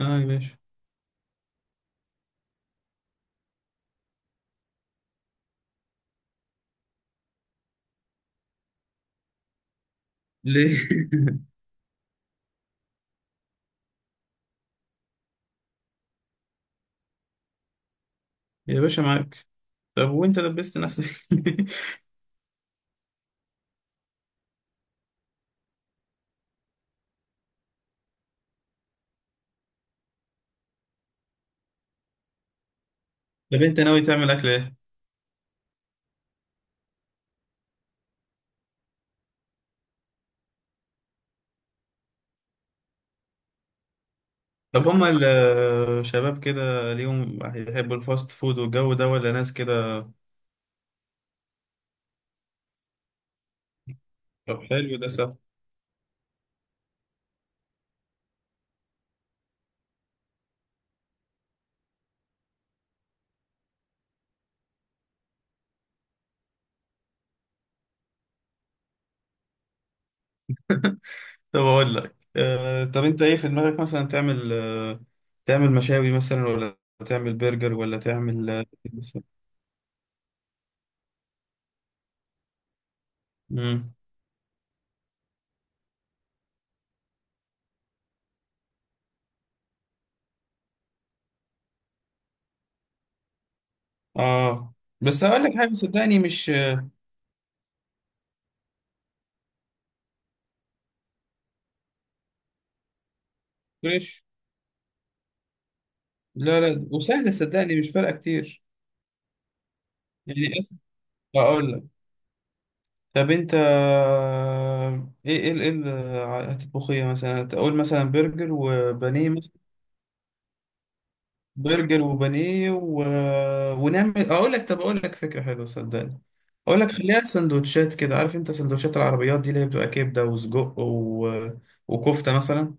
اه يا باشا. ليه؟ يا باشا معاك. طب وانت دبست نفسك؟ طب انت ناوي تعمل اكل ايه؟ طب هما الشباب كده ليهم هيحبوا الفاست فود والجو ده ولا ناس كده؟ طب حلو ده صح. طب اقول لك. طب انت ايه في دماغك مثلا تعمل تعمل مشاوي مثلا، ولا تعمل برجر، ولا تعمل مم. اه بس هقول لك حاجه صدقني، مش فريش. لا لا وسهله صدقني، مش فارقه كتير. يعني هقول لك. طب انت ايه اللي هتطبخ، ايه مثلا، تقول مثلا برجر وبانيه مثلا؟ برجر وبانيه و... ونعمل، اقول لك، طب اقول لك فكره حلوه صدقني. اقول لك خليها سندوتشات كده، عارف انت سندوتشات العربيات دي اللي هي بتبقى كبده وسجق و... وكفته مثلا.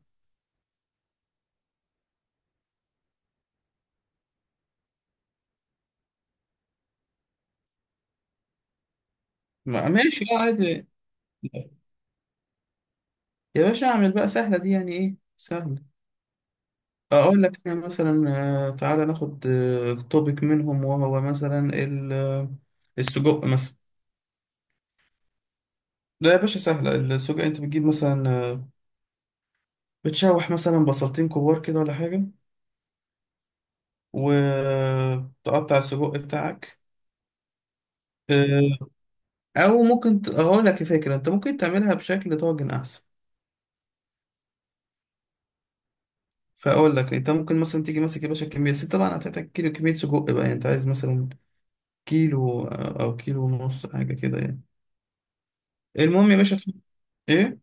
ماشي، اه عادي. يا باشا اعمل بقى سهله دي، يعني ايه سهله. اقول لك انا مثلا تعالى ناخد توبيك منهم، وهو مثلا ال- السجق مثلا. لا يا باشا سهلة السجق، انت بتجيب مثلا بتشوح مثلا بصلتين كبار كده ولا حاجة، وتقطع السجق بتاعك. آه، او ممكن اقول لك فكرة، انت ممكن تعملها بشكل طاجن احسن. فاقول لك انت ممكن مثلا تيجي ماسك يا باشا كمية، بس طبعا هتحتاج كيلو كمية سجق بقى، يعني انت عايز مثلا كيلو او كيلو ونص حاجة كده يعني. المهم يا باشا ايه.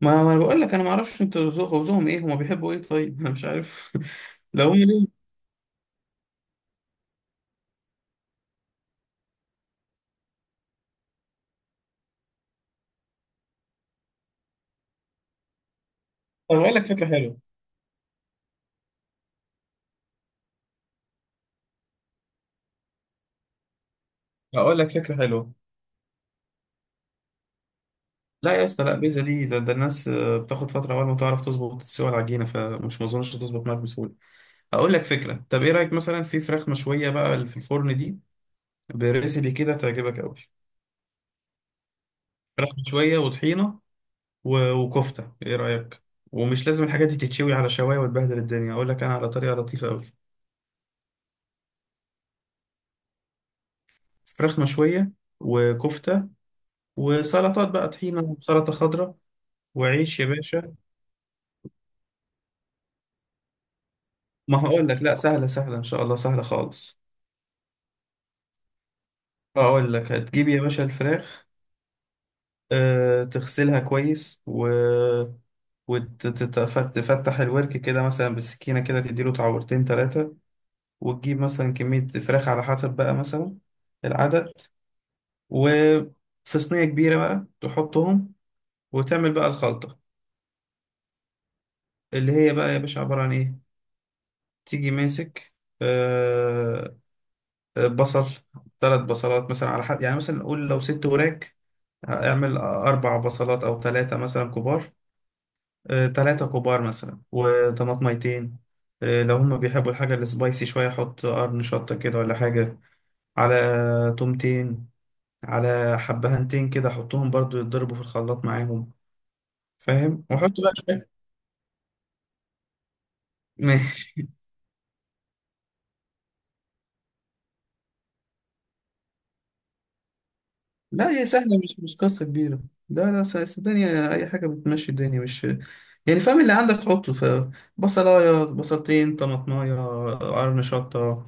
ما انا بقول لك، انا ما اعرفش انت ذوقهم ايه، هما بيحبوا ايه طيب انا مش عارف. لو هم ليهم، طب اقول لك فكرة حلوة. هقول لك فكرة حلوة. لا يا اسطى، لا بيتزا دي ده الناس بتاخد فتره اول ما تعرف تظبط تسوي العجينه، فمش، ما اظنش تظبط معاك بسهوله. اقول لك فكره، طب ايه رايك مثلا في فراخ مشويه بقى اللي في الفرن دي؟ بريسيبي كده تعجبك قوي. فراخ مشويه وطحينه وكفته، ايه رايك؟ ومش لازم الحاجات دي تتشوي على شوايه وتبهدل الدنيا، اقول لك انا على طريقه لطيفه قوي. فراخ مشويه وكفته وسلطات بقى، طحينه وسلطه خضراء وعيش يا باشا. ما هقول لك، لا سهله سهله ان شاء الله، سهله خالص. اقول لك هتجيب يا باشا الفراخ تغسلها كويس و وتفتح الورك كده مثلا بالسكينة كده، تديله تعورتين تلاتة. وتجيب مثلا كمية فراخ على حسب بقى مثلا العدد، وفي صينية كبيرة بقى تحطهم، وتعمل بقى الخلطة. اللي هي بقى يا باشا عبارة عن إيه: تيجي ماسك آه، بصل. 3 بصلات مثلا على حد، يعني مثلا نقول لو 6 وراك، اعمل 4 بصلات أو تلاتة مثلا كبار. تلاتة كبار مثلا وطماطميتين. لو هما بيحبوا الحاجة السبايسي شوية، حط قرن شطة كده ولا حاجة، على تومتين، على حبهنتين كده، حطهم برضو يتضربوا في الخلاط معاهم. فاهم. وحط بقى شوية ماشي. لا هي سهلة، مش مش قصة كبيرة. لا لا الدنيا أي حاجة بتمشي، الدنيا مش، يعني فاهم؟ اللي عندك حطه، فبصلاية بصلتين طماطماية قرن شطة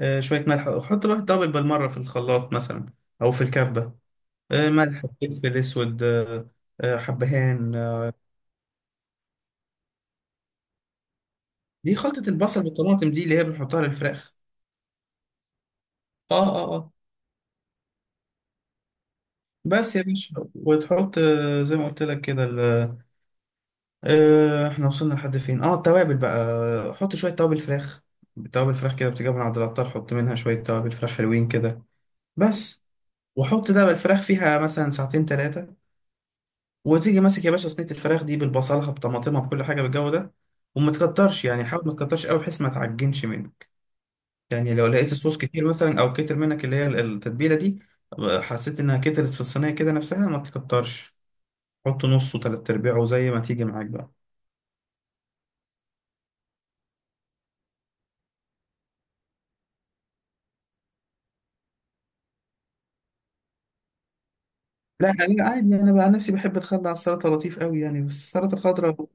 شوية ملح، وحط بقى الدبل بالمرة في الخلاط مثلا أو في الكبة. ملح، فلفل اسود حبهان دي خلطة البصل بالطماطم، دي اللي هي بنحطها للفراخ. اه اه اه. بس يا باشا، وتحط زي ما قلت لك كده احنا وصلنا لحد فين، اه التوابل بقى، حط شوية توابل فراخ. توابل فراخ كده بتجيب من عند العطار، حط منها شوية توابل فراخ حلوين كده بس. وحط ده بالفراخ فيها مثلا ساعتين ثلاثة، وتيجي ماسك يا باشا صينية الفراخ دي بالبصلها بطماطمها بكل حاجة بالجو ده. وما تكترش، يعني حاول ما تكترش قوي بحيث ما تعجنش منه. يعني لو لقيت الصوص كتير مثلا، او كتر منك اللي هي التتبيله دي، حسيت انها كترت في الصينيه كده نفسها، ما تكترش. حط نصه تلات ارباعه زي ما تيجي معاك بقى. لا لا عادي، انا بقى نفسي بحب الخل على السلطه لطيف قوي يعني، بس السلطه الخضراء.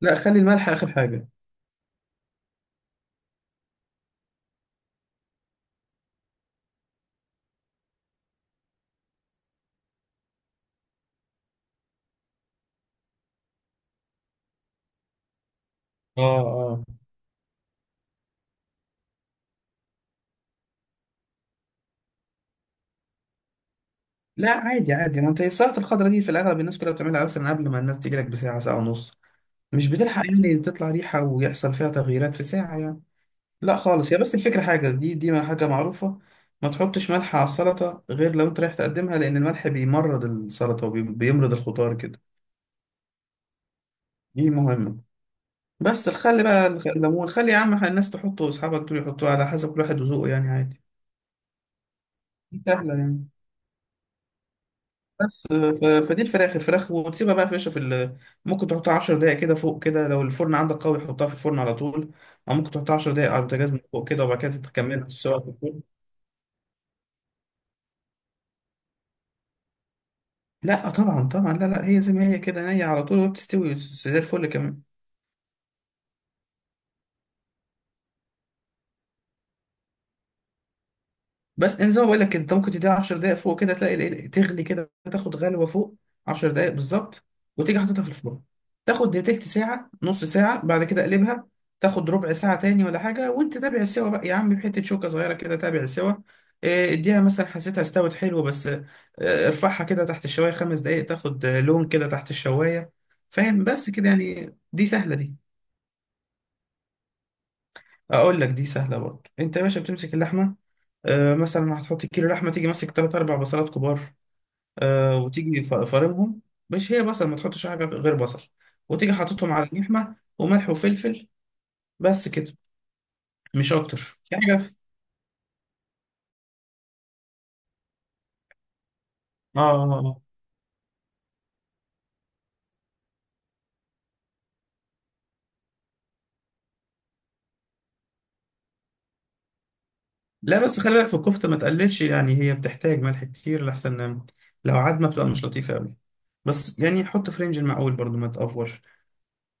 لا خلي الملح اخر حاجه. اه اه. لا عادي عادي، ما انت السلطه الخضراء دي في الاغلب الناس كلها بتعملها مثلا قبل ما الناس تيجي لك بساعه، ساعه ونص، مش بتلحق يعني تطلع ريحه ويحصل فيها تغييرات في ساعه يعني. لا خالص، هي بس الفكرة حاجة دي ما حاجة معروفة: ما تحطش ملح على السلطة غير لو انت رايح تقدمها، لأن الملح بيمرض السلطة وبيمرض الخضار كده. دي مهمة. بس الخل بقى الليمون، خلي يا عم الناس تحطه، أصحابك دول يحطوه على حسب كل واحد وذوقه يعني عادي. دي سهلة يعني. بس فدي الفراخ، الفراخ وتسيبها بقى يا باشا في ال... ممكن تحطها 10 دقايق كده فوق كده، لو الفرن عندك قوي حطها في الفرن على طول، أو ممكن تحطها 10 دقايق على البوتاجاز من فوق كده وبعد كده تكملها سوا. لا طبعا طبعا، لا لا هي زي ما هي كده نية على طول، وبتستوي زي الفل كمان. بس إن زي ما بقول لك، انت ممكن تديها 10 دقايق فوق كده تلاقي تغلي كده، تاخد غلوه فوق، 10 دقايق بالظبط. وتيجي حاططها في الفرن، تاخد تلت ساعه نص ساعه، بعد كده اقلبها، تاخد ربع ساعه تاني ولا حاجه، وانت تابع السوا بقى يا عم، بحته شوكه صغيره كده تابع السوا. إيه، اديها مثلا، حسيتها استوت حلو بس ارفعها كده تحت الشوايه 5 دقايق، تاخد لون كده تحت الشوايه. فاهم؟ بس كده يعني، دي سهله دي. اقول لك دي سهله برضه، انت يا باشا بتمسك اللحمه مثلا هتحط كيلو لحمه، تيجي ماسك تلات اربع بصلات كبار. وتيجي فارمهم، مش هي بصل، ما تحطش حاجه غير بصل. وتيجي حاططهم على اللحمه وملح وفلفل، بس كده، مش اكتر. في حاجه في... اه لا بس خلي بالك في الكفته ما تقللش، يعني هي بتحتاج ملح كتير، لحسن لو عدمه بتبقى مش لطيفه قوي. بس يعني حط في رينج المعقول برضو ما تقفرش.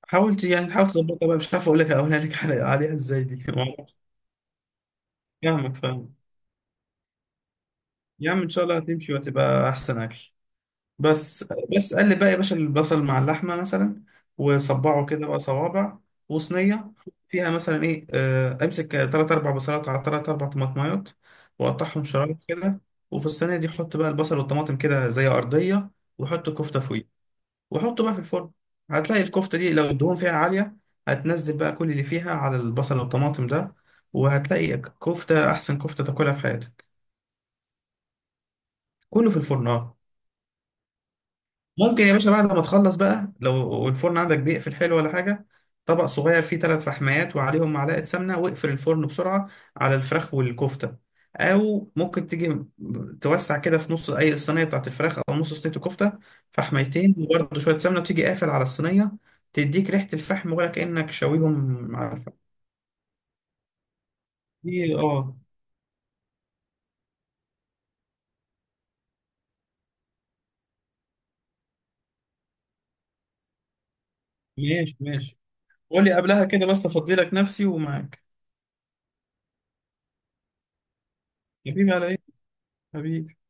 حاولت يعني، حاول تظبطها بقى، مش عارف اقول لك اقولها لك عليها ازاي دي ما أعرفش. فاهمك فاهمك. يا عم ان شاء الله هتمشي وهتبقى احسن اكل. بس بس قال لي بقى يا باشا البصل مع اللحمه مثلا، وصبعه كده بقى صوابع وصينيه فيها مثلا ايه. امسك تلات اربع بصلات على تلات اربع طماطمايات، وقطعهم شرايح كده. وفي الصينيه دي حط بقى البصل والطماطم كده زي ارضيه، وحط كفته فوقيه، وحطه بقى في الفرن. هتلاقي الكفته دي لو الدهون فيها عاليه هتنزل بقى كل اللي فيها على البصل والطماطم ده، وهتلاقي كفته احسن كفته تاكلها في حياتك. كله في الفرن اه. ممكن يا باشا بعد ما تخلص بقى، لو الفرن عندك بيقفل حلو ولا حاجة، طبق صغير فيه 3 فحميات وعليهم معلقة سمنة، واقفل الفرن بسرعة على الفراخ والكفتة. أو ممكن تيجي توسع كده في نص أي الصينية بتاعت الفراخ أو نص صينية الكفتة، فحميتين وبرده شوية سمنة، وتيجي قافل على الصينية. تديك ريحة الفحم، ولا كأنك شاويهم على الفحم. دي اه. ماشي ماشي. قولي قبلها كده، بس أفضي لك نفسي ومعاك. حبيبي على إيه؟ حبيبي.